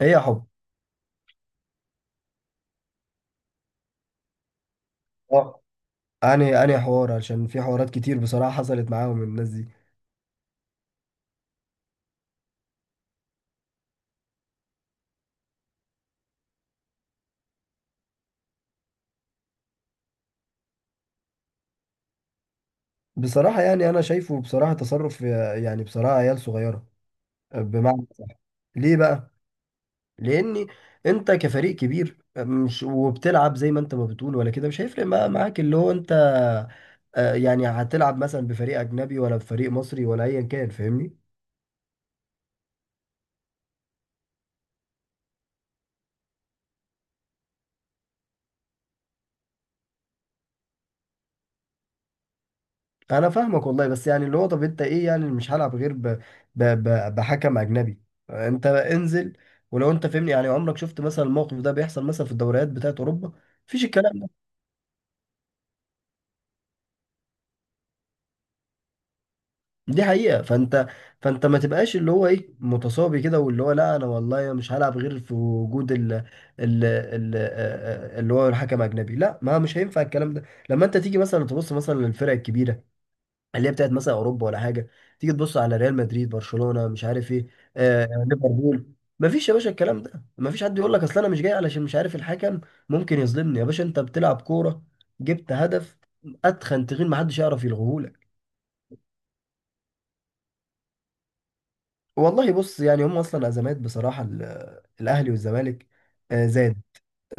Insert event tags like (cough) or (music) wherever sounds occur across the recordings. هي حب. آه، أنهي حوار عشان في حوارات كتير بصراحة حصلت معاهم الناس دي. بصراحة يعني أنا شايفه بصراحة تصرف يعني بصراحة عيال صغيرة. بمعنى ليه بقى؟ لأن أنت كفريق كبير مش وبتلعب زي ما أنت ما بتقول ولا كده مش هيفرق بقى معاك اللي هو أنت. يعني هتلعب مثلا بفريق أجنبي ولا بفريق مصري ولا أيا كان، فاهمني؟ انا فاهمك والله، بس يعني اللي هو طب انت ايه، يعني مش هلعب غير بحكم اجنبي؟ انت انزل، ولو انت فهمني يعني عمرك شفت مثلا الموقف ده بيحصل مثلا في الدوريات بتاعت اوروبا؟ مفيش الكلام ده، دي حقيقة. فانت فانت ما تبقاش اللي هو ايه، متصابي كده واللي هو لا انا والله مش هلعب غير في وجود ال... اللي هو الحكم اجنبي. لا، ما مش هينفع الكلام ده. لما انت تيجي مثلا تبص مثلا للفرق الكبيرة اللي هي بتاعت مثلا اوروبا ولا حاجه، تيجي تبص على ريال مدريد، برشلونه، مش عارف ايه، آه ليفربول، مفيش يا باشا الكلام ده. مفيش حد يقول لك اصل انا مش جاي علشان مش عارف الحكم ممكن يظلمني. يا باشا انت بتلعب كوره، جبت هدف اتخن تخين، محدش يعرف يلغوهولك. والله بص يعني هم اصلا ازمات بصراحه الاهلي والزمالك، آه، زي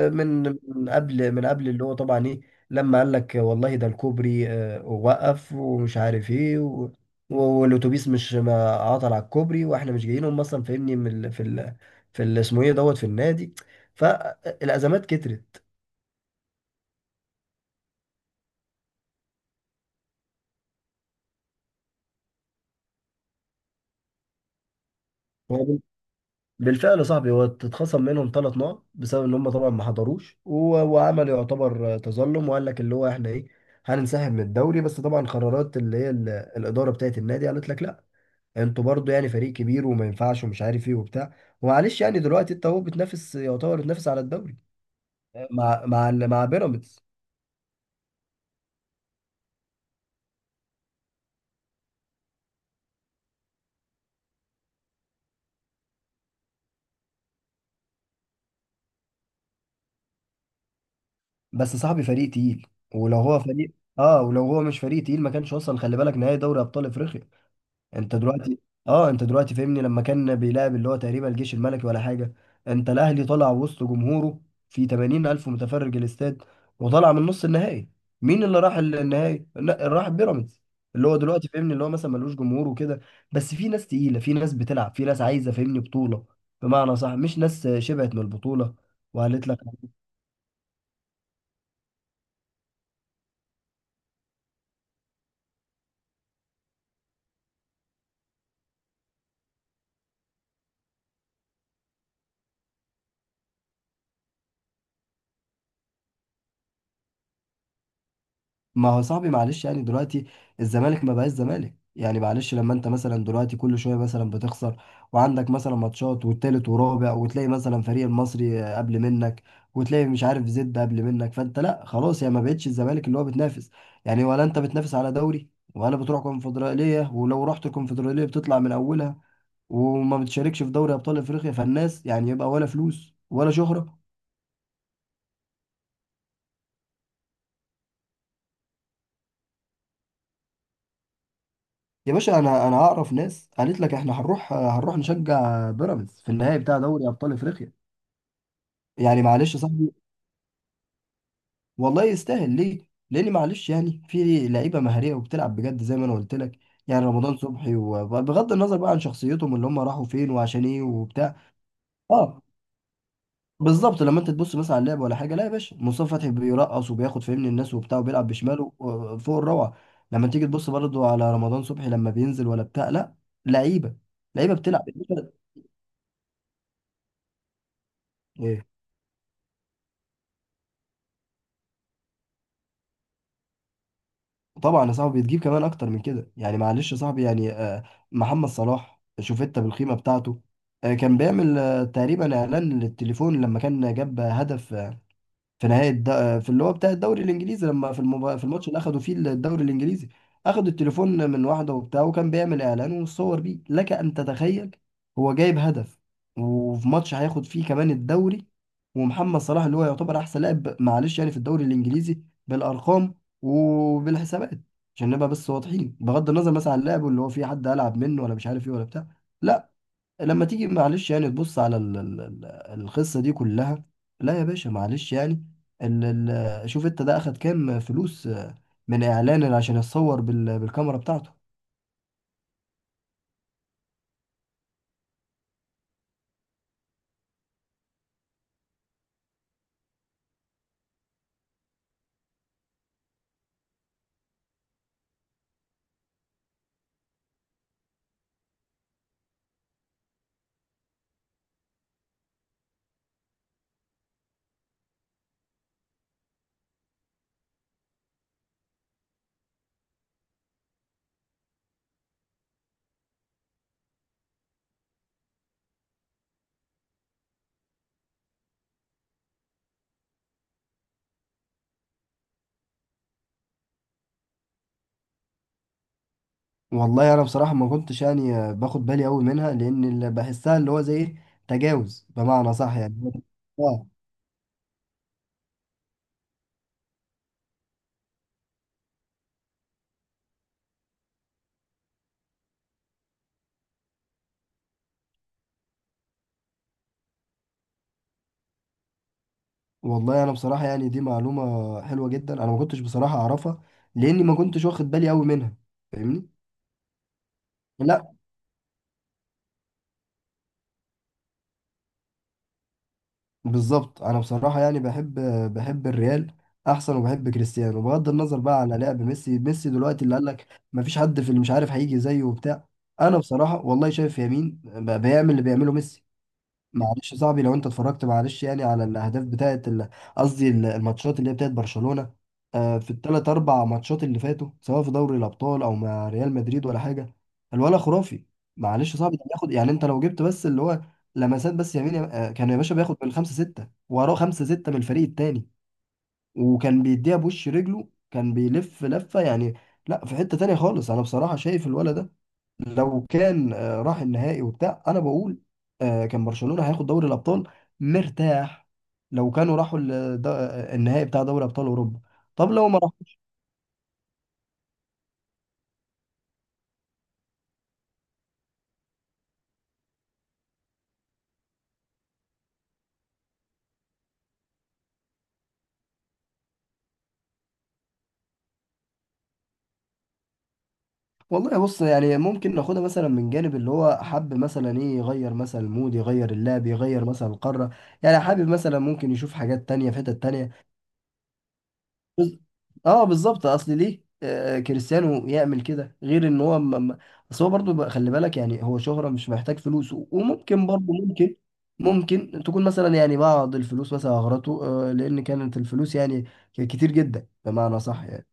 من قبل اللي هو طبعا ايه، لما قال لك والله ده الكوبري وقف ومش عارف ايه والاتوبيس مش ما عطل على الكوبري واحنا مش جايين. هم اصلا فاهمني من ال... في ال... في ال- اسمه ايه دوت في النادي. فالازمات كترت. هو بال- بالفعل يا صاحبي هو اتخصم منهم ثلاث نقط بسبب ان هم طبعا ما حضروش، وعمل يعتبر تظلم وقال لك اللي هو احنا ايه، هننسحب من الدوري، بس طبعا قرارات اللي هي الاداره بتاعت النادي قالت لك لا، انتوا برضو يعني فريق كبير وما ينفعش ومش عارف ايه وبتاع. ومعلش يعني دلوقتي انت هو بتنافس، يعتبر بتنافس على الدوري مع بيراميدز. بس صاحبي فريق تقيل، ولو هو فريق، اه ولو هو مش فريق تقيل ما كانش وصل، خلي بالك، نهائي دوري ابطال افريقيا. انت دلوقتي، اه انت دلوقتي فاهمني لما كان بيلعب اللي هو تقريبا الجيش الملكي ولا حاجه، انت الاهلي طلع وسط جمهوره في 80 الف متفرج الاستاد وطلع من نص النهائي. مين اللي راح النهائي؟ لا، راح بيراميدز. اللي هو دلوقتي فاهمني اللي هو مثلا ملوش جمهور وكده، بس في ناس تقيله، في ناس بتلعب، في ناس عايزه فاهمني بطوله، بمعنى صح، مش ناس شبعت من البطوله. وقالت لك، ما هو صاحبي معلش يعني دلوقتي الزمالك ما بقاش زمالك. يعني معلش، لما انت مثلا دلوقتي كل شويه مثلا بتخسر، وعندك مثلا ماتشات والتالت ورابع، وتلاقي مثلا فريق المصري قبل منك، وتلاقي مش عارف زد قبل منك، فانت لا خلاص يعني ما بقتش الزمالك اللي هو بتنافس يعني، ولا انت بتنافس على دوري، ولا بتروح كونفدراليه، ولو رحت الكونفدراليه بتطلع من اولها وما بتشاركش في دوري ابطال افريقيا. فالناس يعني يبقى ولا فلوس ولا شهره. يا باشا انا انا اعرف ناس قالت لك احنا هنروح، هنروح نشجع بيراميدز في النهائي بتاع دوري ابطال افريقيا. يعني معلش يا صاحبي. والله يستاهل، ليه؟ لان معلش يعني في لعيبه مهاريه وبتلعب بجد زي ما انا قلت لك، يعني رمضان صبحي، وبغض النظر بقى عن شخصيتهم اللي هم راحوا فين وعشان ايه وبتاع. اه بالظبط، لما انت تبص مثلا على اللعب ولا حاجه، لا يا باشا مصطفى فتحي بيرقص وبياخد فاهمني الناس وبتاع وبيلعب بشماله فوق الروعه. لما تيجي تبص برضه على رمضان صبحي لما بينزل ولا بتاع، لا، لعيبه، لعيبه بتلعب. طبعا يا صاحبي بتجيب كمان اكتر من كده. يعني معلش يا صاحبي يعني، محمد صلاح، شوف انت بالقيمه بتاعته. كان بيعمل تقريبا اعلان للتليفون لما كان جاب هدف في نهايه الد... في اللي هو بتاع الدوري الانجليزي، لما في الماتش اللي اخدوا فيه الدوري الانجليزي اخدوا التليفون من واحده وبتاع وكان بيعمل اعلان وصور بيه، لك ان تتخيل، هو جايب هدف وفي ماتش هياخد فيه كمان الدوري. ومحمد صلاح اللي هو يعتبر احسن لاعب، معلش يعني في الدوري الانجليزي بالارقام وبالحسابات، عشان نبقى بس واضحين، بغض النظر مثلا عن لعبه اللي هو في حد العب منه ولا مش عارف ايه ولا بتاع. لا، لما تيجي معلش يعني تبص على القصة دي كلها، لا يا باشا معلش يعني، ال ال شوف انت ده اخد كام فلوس من اعلان عشان يتصور بالكاميرا بتاعته. والله انا بصراحة ما كنتش يعني باخد بالي قوي منها، لان اللي بحسها اللي هو زي ايه، تجاوز، بمعنى صح يعني. اه. والله انا بصراحة يعني دي معلومة حلوة جدا، انا ما كنتش بصراحة اعرفها لاني ما كنتش واخد بالي قوي منها. فاهمني. لا بالظبط، انا بصراحه يعني بحب، بحب الريال احسن، وبحب كريستيانو، بغض النظر بقى على لعب ميسي. ميسي دلوقتي اللي قال لك ما فيش حد في، اللي مش عارف هيجي زيه وبتاع، انا بصراحه والله شايف يمين بقى بيعمل اللي بيعمله ميسي. معلش يا صاحبي لو انت اتفرجت معلش يعني على الاهداف بتاعت قصدي الماتشات اللي هي بتاعت برشلونة، في الثلاث اربع ماتشات اللي فاتوا، سواء في دوري الابطال او مع ريال مدريد ولا حاجه، الولا خرافي. معلش يا صاحبي ده بياخد يعني، انت لو جبت بس اللي هو لمسات بس يمين، كان يا باشا بياخد بالخمسه سته وراه خمسه سته من الفريق التاني، وكان بيديها بوش رجله، كان بيلف لفه يعني. لا في حته تانيه خالص. انا بصراحه شايف الولد ده لو كان راح النهائي وبتاع، انا بقول كان برشلونة هياخد دوري الابطال، مرتاح، لو كانوا راحوا النهائي بتاع دوري ابطال اوروبا. طب لو ما راح. والله بص يعني ممكن ناخدها مثلا من جانب اللي هو حب مثلا ايه، يغير مثلا المود، يغير اللعب، يغير مثلا القارة، يعني حابب مثلا ممكن يشوف حاجات تانية في حتت تانية. بز- اه بالظبط، اصل ليه آه كريستيانو يعمل كده، غير ان هو اصل هو برضه بقى، خلي بالك يعني، هو شهرة، مش محتاج فلوس، وممكن برضه ممكن، ممكن تكون مثلا يعني بعض الفلوس مثلا اغرته، آه لان كانت الفلوس يعني كتير جدا، بمعنى صح يعني.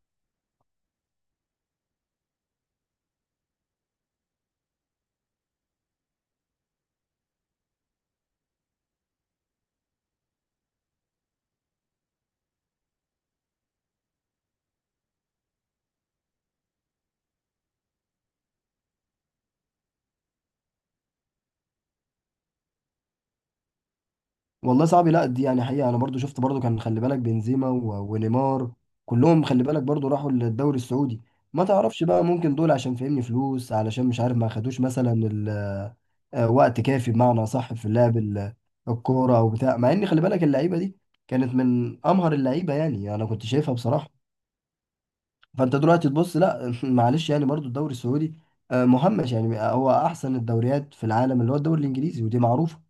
والله صعب. لا دي يعني حقيقة أنا برضو شفت، برضو كان خلي بالك بنزيما ونيمار، كلهم خلي بالك برضو راحوا للدوري السعودي. ما تعرفش بقى، ممكن دول عشان فاهمني فلوس، علشان مش عارف ما خدوش مثلا وقت كافي، بمعنى صح، في لعب الكورة أو بتاع، مع إن خلي بالك اللعيبة دي كانت من أمهر اللعيبة، يعني أنا كنت شايفها بصراحة. فأنت دلوقتي تبص لا (laughs) معلش يعني برضو الدوري السعودي مهمش يعني، هو أحسن الدوريات في العالم اللي هو الدوري الإنجليزي، ودي معروفة.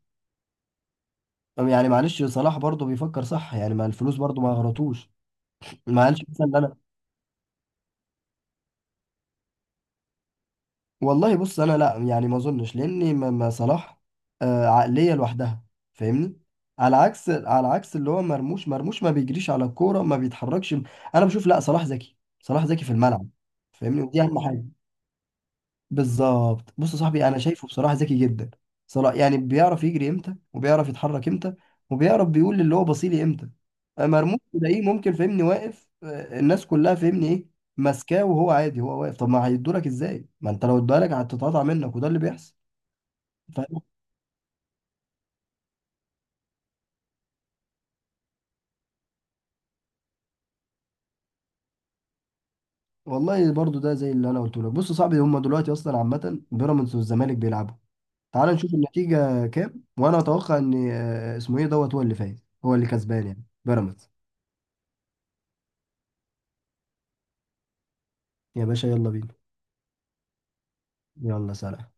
يعني معلش صلاح برضه بيفكر صح يعني، مع الفلوس برضه ما غلطوش. ما قالش مثلا إن انا، والله بص انا لا يعني ما اظنش، لان ما ما صلاح عقليه لوحدها، فاهمني، على عكس اللي هو مرموش. مرموش ما بيجريش على الكوره، ما بيتحركش. انا بشوف لا، صلاح ذكي، صلاح ذكي في الملعب. فاهمني ودي اهم حاجه. بالظبط، بص يا صاحبي انا شايفه بصراحه ذكي جدا، صراحه يعني بيعرف يجري امتى، وبيعرف يتحرك امتى، وبيعرف بيقول للي هو بصيلي امتى. أما مرموش تلاقيه ممكن فهمني واقف، الناس كلها فهمني ايه، ماسكاه وهو عادي، هو واقف، طب ما هيدولك ازاي، ما انت لو ادالك هتتقطع منك، وده اللي بيحصل. فاهم. والله برضو ده زي اللي انا قلته لك. بص يا صاحبي هم دلوقتي اصلا عامه بيراميدز والزمالك بيلعبوا، تعال نشوف النتيجه كام. وانا اتوقع ان اسمه ايه دوت هو اللي فايز، هو اللي كسبان، يعني بيراميدز. يا باشا يلا بينا. يلا، سلام.